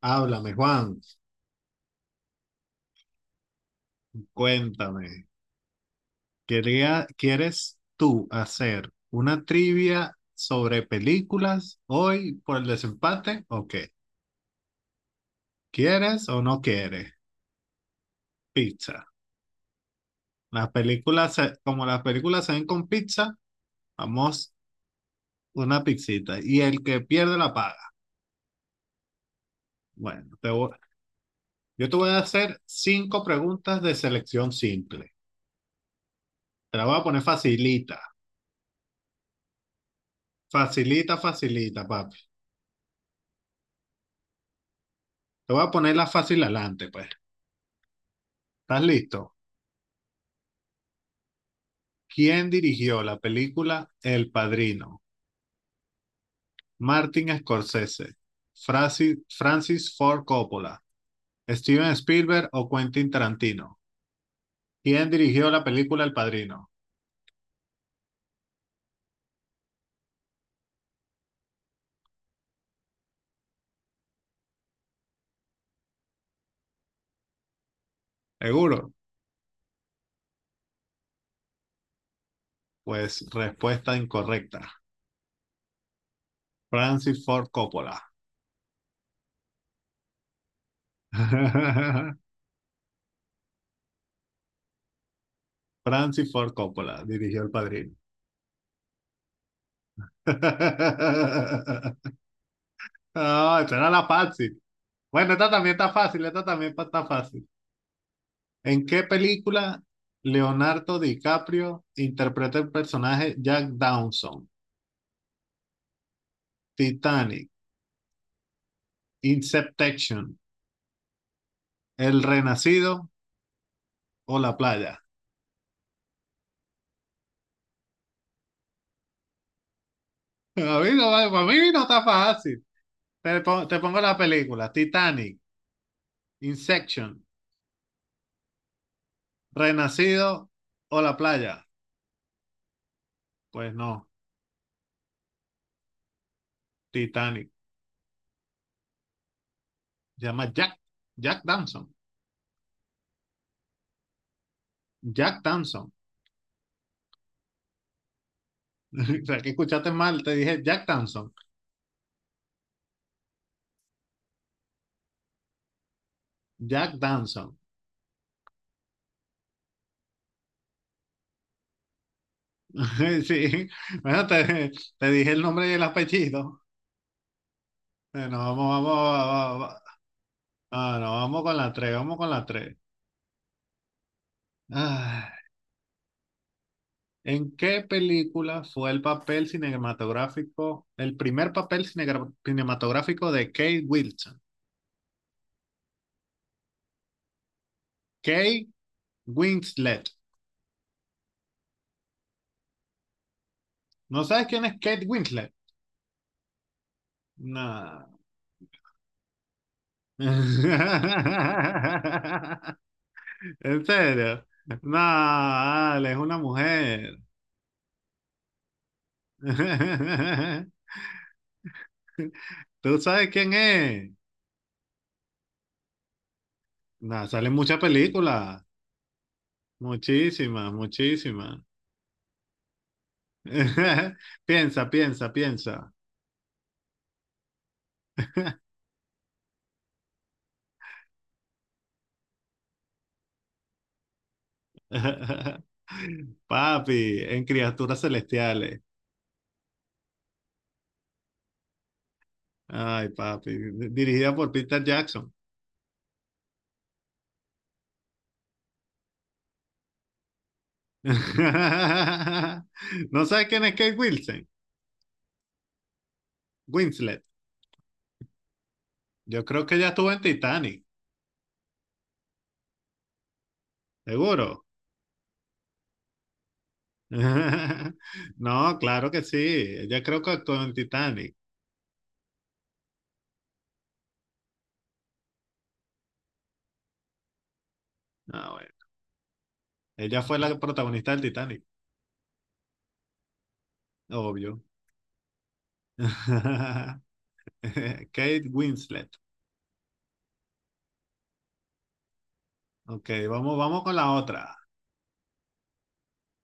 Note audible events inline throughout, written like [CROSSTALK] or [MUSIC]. Háblame, Juan, cuéntame. Quería, ¿quieres tú hacer una trivia sobre películas hoy por el desempate o qué? ¿Quieres o no quieres? Pizza. Las películas, como las películas se ven con pizza, vamos una pizzita. Y el que pierde la paga. Bueno, yo te voy a hacer cinco preguntas de selección simple. Te la voy a poner facilita. Facilita, facilita, papi. Te voy a poner la fácil adelante, pues. ¿Estás listo? ¿Quién dirigió la película El Padrino? Martin Scorsese, Francis Ford Coppola, Steven Spielberg o Quentin Tarantino. ¿Quién dirigió la película El Padrino? Seguro. Pues respuesta incorrecta. Francis Ford Coppola. [LAUGHS] Francis Ford Coppola dirigió El Padrino. [LAUGHS] No, esta era la fácil. Bueno, esta también está fácil, esta también está fácil. ¿En qué película Leonardo DiCaprio interpreta el personaje Jack Dawson? Titanic, Inception, El Renacido o La Playa. [LAUGHS] A mí no, para mí no está fácil. Te pongo la película, Titanic, Inception, Renacido o La Playa. Pues no, Titanic. Se llama Jack, Jack Dawson. Jack Dawson. [LAUGHS] O sea, que escuchaste mal, te dije Jack Dawson. Jack Dawson. [LAUGHS] Sí, bueno, te dije el nombre del apellido. Vamos, vamos, vamos, vamos, ah, no, vamos con la 3. ¿En qué película fue el papel cinematográfico, el primer cinematográfico de Kate Wilson? Kate Winslet. ¿No sabes quién es Kate Winslet? No. [LAUGHS] ¿En serio? No, Ale, es una mujer. [LAUGHS] ¿Tú sabes quién es? Nah, salen muchas películas. Muchísimas, muchísimas. [LAUGHS] Piensa, piensa, piensa. [LAUGHS] Papi, en Criaturas Celestiales. Ay, papi. Dirigida por Peter Jackson. [LAUGHS] ¿No sabes quién es Kate Wilson? Winslet. Yo creo que ella estuvo en Titanic, seguro. [LAUGHS] No, claro que sí. Ella creo que actuó en Titanic. Ah, bueno. Ella fue la protagonista del Titanic, obvio. [LAUGHS] Kate Winslet. Ok, vamos, vamos con la otra.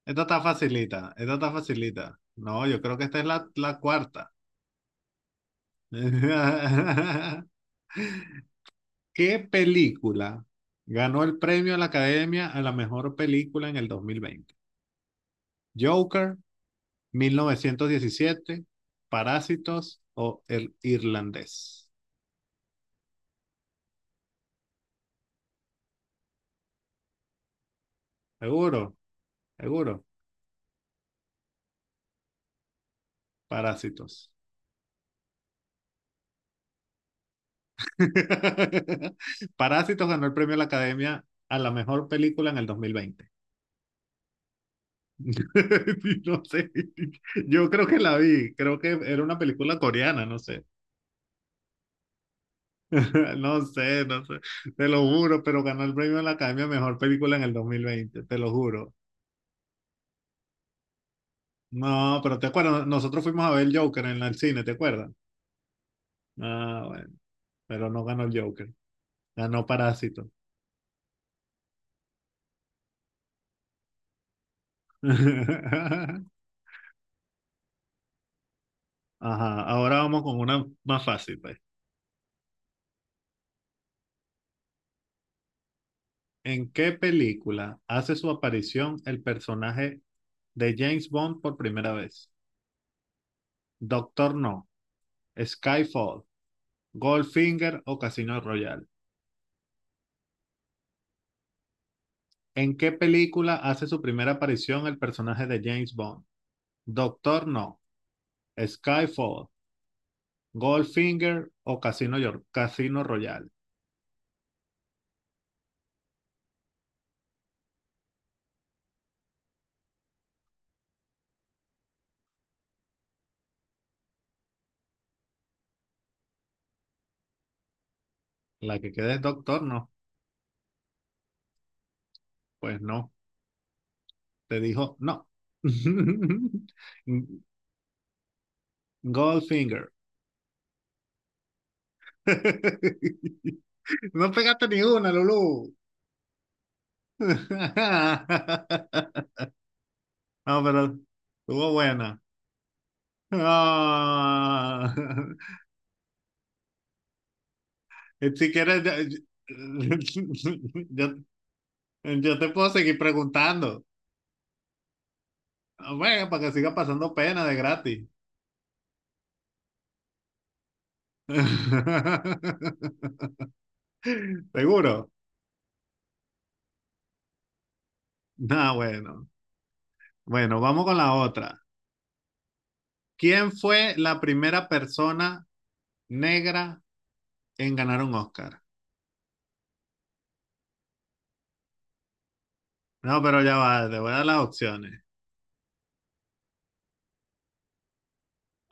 Esta está facilita, esta está facilita. No, yo creo que esta es la cuarta. [LAUGHS] ¿Qué película ganó el premio a la Academia a la mejor película en el 2020? Joker, 1917, Parásitos o El Irlandés. Seguro, seguro, Parásitos. [LAUGHS] Parásitos ganó el premio de la Academia a la mejor película en el 2020. [LAUGHS] No sé, yo creo que la vi, creo que era una película coreana, no sé, [LAUGHS] no sé, no sé, te lo juro, pero ganó el premio de la Academia a mejor película en el 2020. Te lo juro. No, pero te acuerdas, nosotros fuimos a ver el Joker en el cine, ¿te acuerdas? Ah, bueno, pero no ganó el Joker, ganó Parásito. [LAUGHS] Ajá, ahora vamos con una más fácil, pues. ¿En qué película hace su aparición el personaje de James Bond por primera vez? Doctor No, Skyfall, Goldfinger o Casino Royale. ¿En qué película hace su primera aparición el personaje de James Bond? Doctor No, Skyfall, Goldfinger o Casino Royale. La que queda es Doctor No. Pues no, te dijo no. [LAUGHS] Goldfinger. [LAUGHS] No pegaste ni una, Lulú. [LAUGHS] No, pero estuvo buena. Ah, [LAUGHS] si quieres, yo- yo te puedo seguir preguntando. Bueno, para que siga pasando pena de gratis. [LAUGHS] ¿Seguro? Ah, bueno. Bueno, vamos con la otra. ¿Quién fue la primera persona negra en ganar un Oscar? No, pero ya va, te voy a dar las opciones.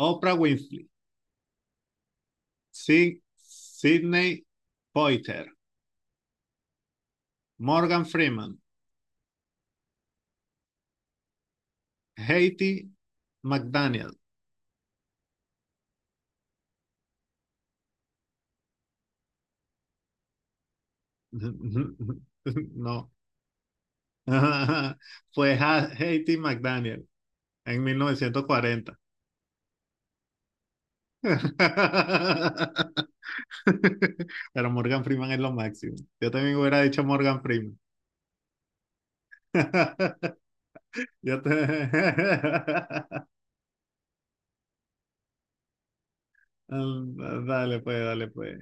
Oprah Winfrey. Sidney Poitier, Morgan Freeman, Haiti McDaniel. [LAUGHS] No, [LAUGHS] fue Haiti McDaniel en 1940. [LAUGHS] Pero Morgan Freeman es lo máximo. Yo también hubiera dicho Morgan Freeman. [LAUGHS] Yo te- [LAUGHS] Dale, pues, dale, pues.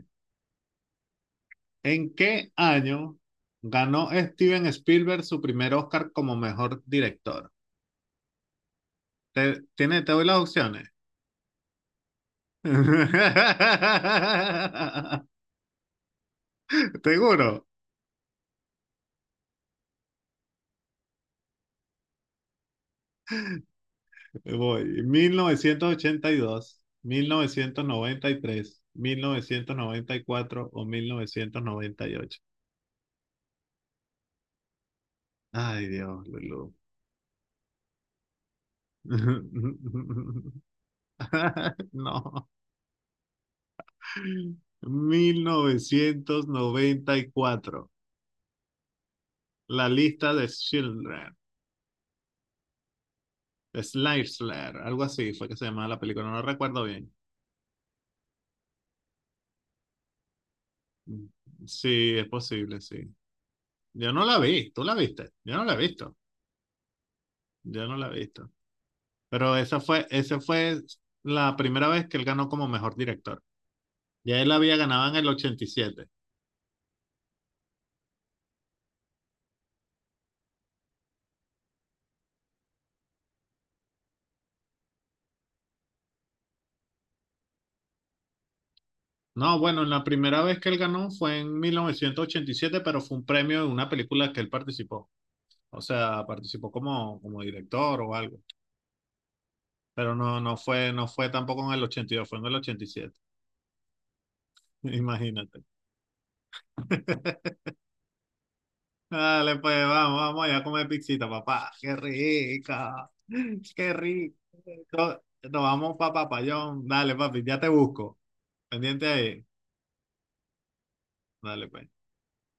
¿En qué año ganó Steven Spielberg su primer Oscar como mejor director? Te, tiene, te doy las opciones. [LAUGHS] Seguro. Voy. Mil novecientos ochenta y dos, 1993, 1994 o 1998. Ay, Dios, Lulú. [LAUGHS] No. 1994. La lista de Schindler. Slide Slayer, algo así fue que se llamaba la película, no lo recuerdo bien. Mm, sí, es posible, sí. Yo no la vi, tú la viste, yo no la he visto, yo no la he visto. Pero esa fue la primera vez que él ganó como mejor director. Ya él había ganado en el 87. No, bueno, la primera vez que él ganó fue en 1987, pero fue un premio en una película que él participó. O sea, participó como director o algo. Pero no, no fue, no fue tampoco en el 82, fue en el 87. [LAUGHS] Imagínate. [LAUGHS] Dale, pues vamos, vamos allá a comer pizzita, papá. Qué rica, qué rico. Nos vamos para Papayón. Dale, papi, ya te busco. Pendiente ahí. Dale, pues.